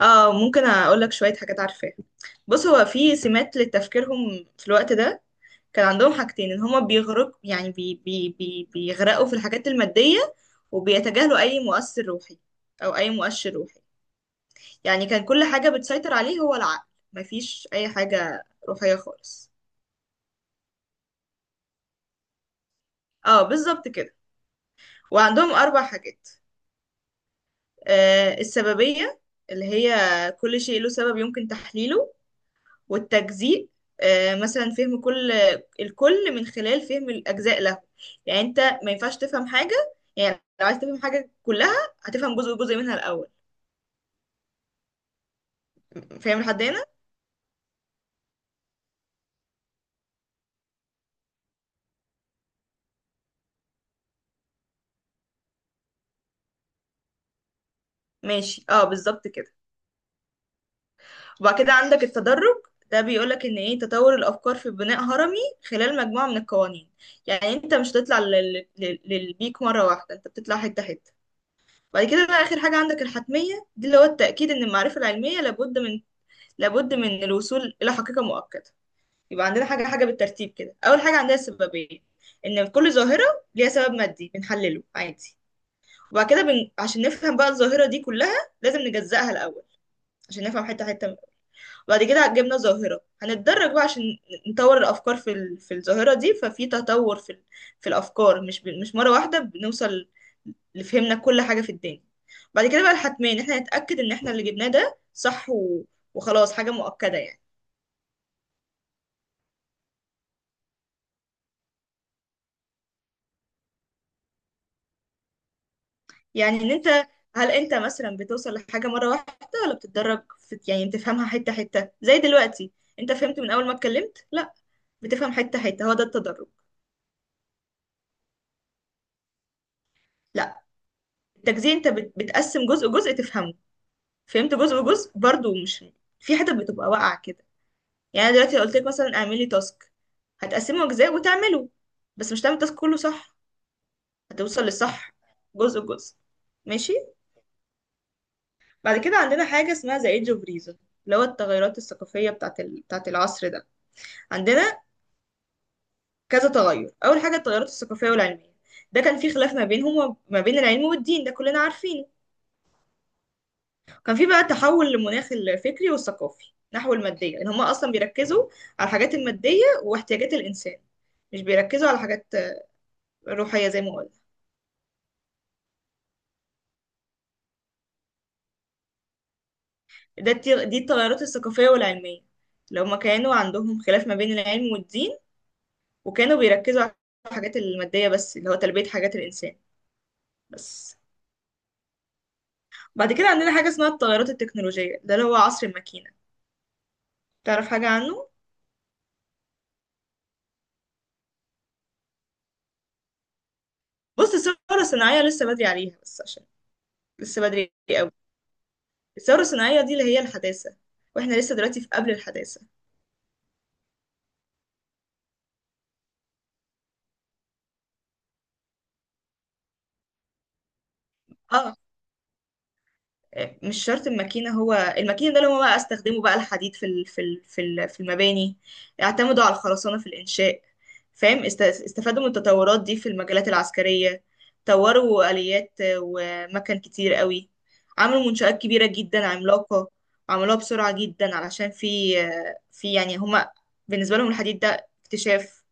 اه، ممكن اقول لك شويه حاجات عارفاها. بص، هو في سمات لتفكيرهم في الوقت ده. كان عندهم حاجتين ان هما بيغرق يعني بي بي بي بيغرقوا في الحاجات الماديه، وبيتجاهلوا اي مؤثر روحي او اي مؤشر روحي. يعني كان كل حاجه بتسيطر عليه هو العقل، مفيش اي حاجه روحيه خالص. اه، بالظبط كده. وعندهم اربع حاجات. السببيه، اللي هي كل شيء له سبب يمكن تحليله. والتجزيء، مثلا فهم الكل من خلال فهم الأجزاء له. يعني أنت ما ينفعش تفهم حاجة، يعني لو عايز تفهم حاجة كلها هتفهم جزء جزء منها الأول. فاهم لحد هنا؟ ماشي، اه، بالظبط كده. وبعد كده عندك التدرج. ده بيقولك ان ايه تطور الافكار في بناء هرمي خلال مجموعه من القوانين. يعني انت مش هتطلع للبيك مره واحده، انت بتطلع حته حته. بعد كده بقى اخر حاجه عندك الحتميه، دي اللي هو التاكيد ان المعرفه العلميه لابد من الوصول الى حقيقه مؤكده. يبقى عندنا حاجة حاجة بالترتيب كده. أول حاجة عندنا السببية، إن كل ظاهرة ليها سبب مادي بنحلله عادي. وبعد كده عشان نفهم بقى الظاهرة دي كلها لازم نجزأها الأول، عشان نفهم حتة حتة منها. وبعد كده جبنا ظاهرة، هنتدرج بقى عشان نطور الأفكار في الظاهرة دي، ففي تطور في الأفكار، مش مرة واحدة بنوصل لفهمنا كل حاجة في الدنيا. بعد كده بقى الحتمين، إحنا نتأكد إن إحنا اللي جبناه ده صح وخلاص حاجة مؤكدة يعني. يعني ان انت هل انت مثلا بتوصل لحاجه مره واحده، ولا بتتدرج يعني بتفهمها حته حته؟ زي دلوقتي، انت فهمت من اول ما اتكلمت؟ لا، بتفهم حته حته، هو ده التدرج. لا، التجزئه انت بتقسم جزء جزء تفهمه. فهمت جزء جزء برضو، مش في حته بتبقى واقعه كده. يعني أنا دلوقتي لو قلت لك مثلا اعملي تاسك، هتقسمه اجزاء وتعمله، بس مش هتعمل التاسك كله صح، هتوصل للصح جزء جزء. ماشي. بعد كده عندنا حاجه اسمها ذا ايدج اوف ريزون، اللي هو التغيرات الثقافيه بتاعت العصر ده. عندنا كذا تغير. اول حاجه التغيرات الثقافيه والعلميه، ده كان في خلاف ما بينهم وما بين العلم والدين، ده كلنا عارفينه. كان في بقى تحول لمناخ الفكري والثقافي نحو الماديه، ان هم اصلا بيركزوا على الحاجات الماديه واحتياجات الانسان، مش بيركزوا على حاجات روحيه زي ما قلنا. دي التغيرات الثقافيه والعلميه، لو ما كانوا عندهم خلاف ما بين العلم والدين، وكانوا بيركزوا على الحاجات الماديه بس، اللي هو تلبيه حاجات الانسان بس. بعد كده عندنا حاجه اسمها التغيرات التكنولوجيه، ده اللي هو عصر الماكينه. تعرف حاجة عنه؟ بص، الثورة الصناعية لسه بدري عليها، بس عشان لسه بدري قوي. الثورة الصناعية دي اللي هي الحداثة، واحنا لسه دلوقتي في قبل الحداثة. اه، مش شرط الماكينة، هو الماكينة ده اللي هما بقى استخدموا بقى الحديد في المباني. اعتمدوا على الخرسانة في الإنشاء، فاهم؟ استفادوا من التطورات دي في المجالات العسكرية، طوروا آليات ومكن كتير قوي، عملوا منشآت كبيرة جدا عملاقة، عملوها بسرعة جدا. علشان في في يعني هما بالنسبة لهم الحديد ده اكتشاف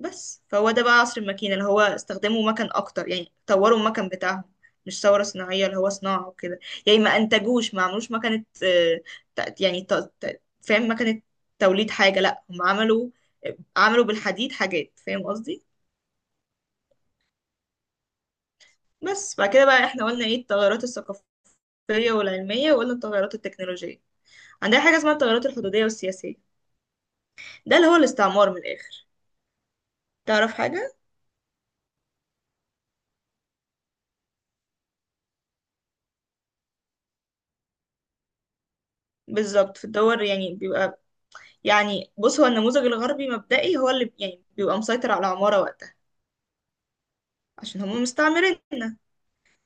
بس. فهو ده بقى عصر الماكينة، اللي هو استخدموا مكن أكتر، يعني طوروا المكن بتاعهم، مش ثورة صناعية اللي هو صناعة وكده. يعني ما أنتجوش، ما عملوش مكنة. ت- يعني ت- فاهم؟ مكنة توليد حاجة، لأ، هم عملوا، عملوا بالحديد حاجات، فاهم قصدي؟ بس بعد كده بقى احنا قلنا ايه، التغيرات الثقافية والعلمية، وقلنا التغيرات التكنولوجية. عندنا حاجة اسمها التغيرات الحدودية والسياسية، ده اللي هو الاستعمار من الآخر. تعرف حاجة؟ بالظبط، في الدول يعني بيبقى، يعني بص، هو النموذج الغربي مبدئي هو اللي يعني بيبقى مسيطر على العمارة وقتها، عشان هم مستعمريننا.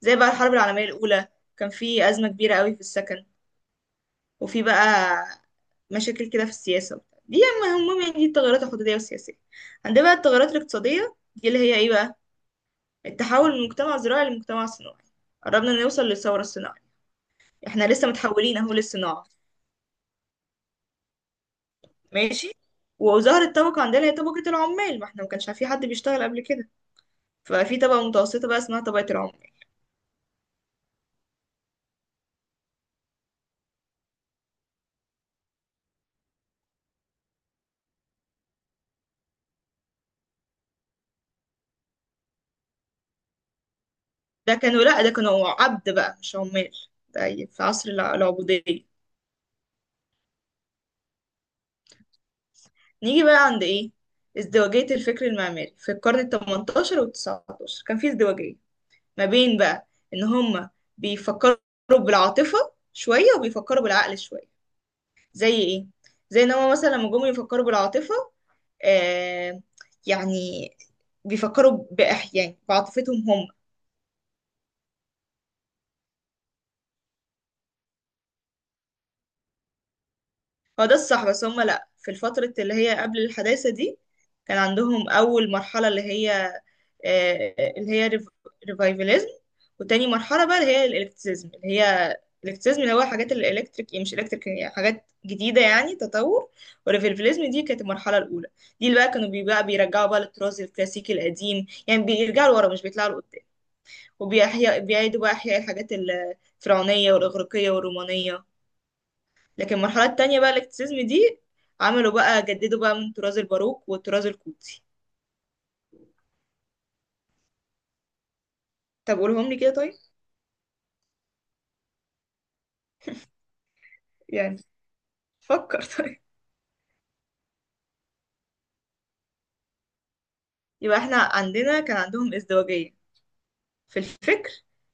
زي بقى الحرب العالمية الأولى، كان في أزمة كبيرة قوي في السكن، وفي بقى مشاكل كده في السياسة وبتاع. دي، أما هم، يعني دي التغيرات الحدودية والسياسية. عندنا بقى التغيرات الاقتصادية، دي اللي هي إيه بقى، التحول من مجتمع زراعي لمجتمع صناعي. قربنا نوصل للثورة الصناعية، احنا لسه متحولين أهو للصناعة. ماشي. وظهرت طبقة عندنا هي طبقة العمال، ما احنا ما كانش في حد بيشتغل قبل كده، ففي طبقة متوسطة بقى اسمها طبقة العمال. ده كانوا لأ، ده كانوا عبد بقى مش عمال، ده في عصر العبودية. نيجي بقى عند ايه، ازدواجية الفكر المعماري في القرن التمنتاشر والتسعتاشر. كان في ازدواجية ما بين بقى ان هما بيفكروا بالعاطفة شوية، وبيفكروا بالعقل شوية. زي ايه؟ زي ان هما مثلا لما جم يفكروا بالعاطفة آه يعني بيفكروا يعني بعاطفتهم هم. هو ده الصح، بس هما لأ، في الفترة اللي هي قبل الحداثة دي كان عندهم أول مرحلة اللي هي ريفايفاليزم، وتاني مرحلة بقى اللي هي الإلكتريزم، اللي هو حاجات الإلكتريك، مش إلكتريك، يعني حاجات جديدة، يعني تطور. والريفايفاليزم دي كانت المرحلة الأولى، دي اللي بقى كانوا بقى بيرجعوا بقى للطراز الكلاسيكي القديم، يعني بيرجعوا لورا مش بيطلعوا لقدام، بيعيدوا بقى إحياء الحاجات الفرعونية والإغريقية والرومانية. لكن المرحلة التانية بقى الاكتسيزم دي، عملوا بقى جددوا بقى من طراز الباروك والطراز القوطي. طب قولهم لي كده، طيب. يعني فكر. طيب، يبقى احنا عندنا كان عندهم ازدواجية في الفكر،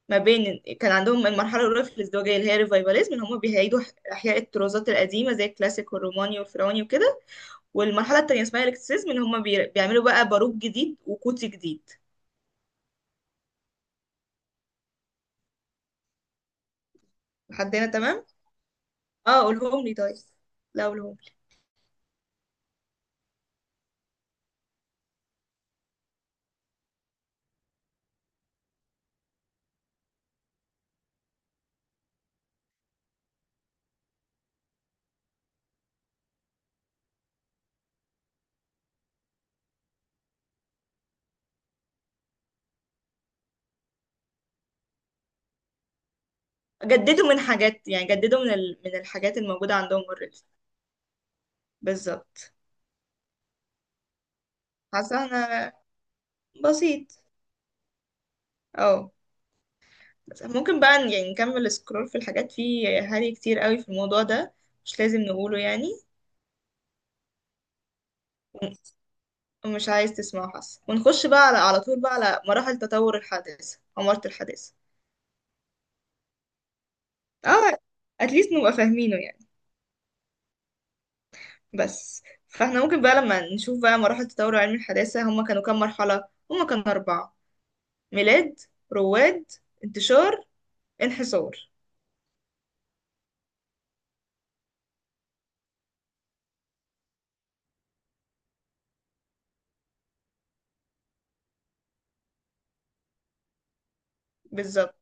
ما بين كان عندهم المرحلة الأولى في الازدواجية اللي هي الريفايفاليزم، اللي هم بيعيدوا إحياء الطرازات القديمة زي الكلاسيك والروماني والفرعوني وكده، والمرحلة التانية اسمها الاكتسيزم، اللي هم بيعملوا بقى باروك جديد وقوطي جديد. لحد هنا تمام؟ اه، قولهم لي طيب. لا، قولهم. جددوا من حاجات، يعني جددوا من الحاجات الموجودة عندهم اوريدي. بالظبط. حاسة انا. بسيط. اه، بس ممكن بقى يعني نكمل سكرول في الحاجات، في هري كتير قوي في الموضوع ده، مش لازم نقوله يعني، ومش عايز تسمعه، حاسة. ونخش بقى على طول بقى على مراحل تطور عمارة الحادثة. اه، اتليست نبقى فاهمينه يعني. بس، فاحنا ممكن بقى لما نشوف بقى مراحل تطور علم الحداثة، هما كانوا كام مرحلة؟ هما كانوا أربعة: ميلاد، رواد، انتشار، انحسار. بالظبط،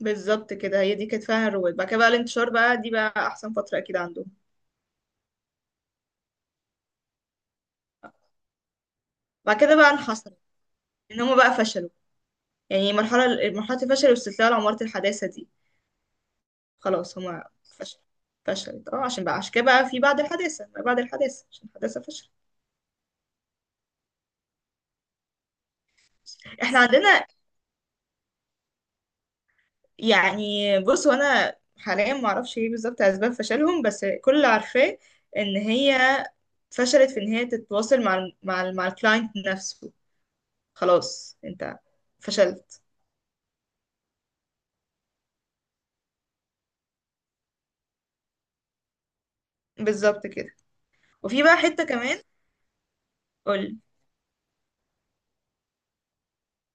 بالظبط كده، هي دي كانت فيها الرواد. بعد كده بقى الانتشار بقى، دي بقى احسن فتره اكيد عندهم. بعد كده بقى انحصروا، ان هم بقى فشلوا، يعني مرحله الفشل واستسلام لعماره الحداثه دي. خلاص، هم فشل، فشلت. اه، عشان كده بقى في بعد الحداثه ما بعد الحداثه، عشان الحداثه فشل. احنا عندنا، يعني بص، وانا حاليا ما اعرفش ايه بالظبط اسباب فشلهم، بس كل اللي عارفاه ان هي فشلت في ان هي تتواصل مع الكلاينت نفسه. خلاص انت فشلت. بالظبط كده. وفي بقى حتة كمان. قولي.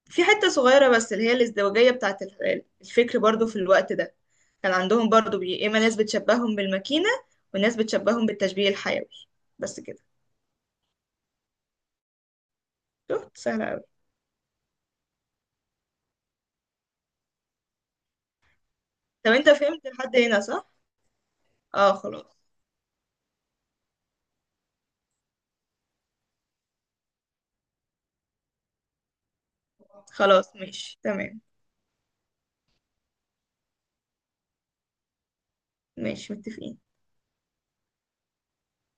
في حتة صغيرة بس، اللي هي الازدواجية بتاعة الفكر برضو في الوقت ده. كان عندهم برضو إما ناس بتشبههم بالماكينة، وناس بتشبههم بالتشبيه الحيوي، بس كده. شفت؟ سهلة أوي. طب انت فهمت لحد هنا، صح؟ اه، خلاص، خلاص ماشي تمام. ماشي، متفقين.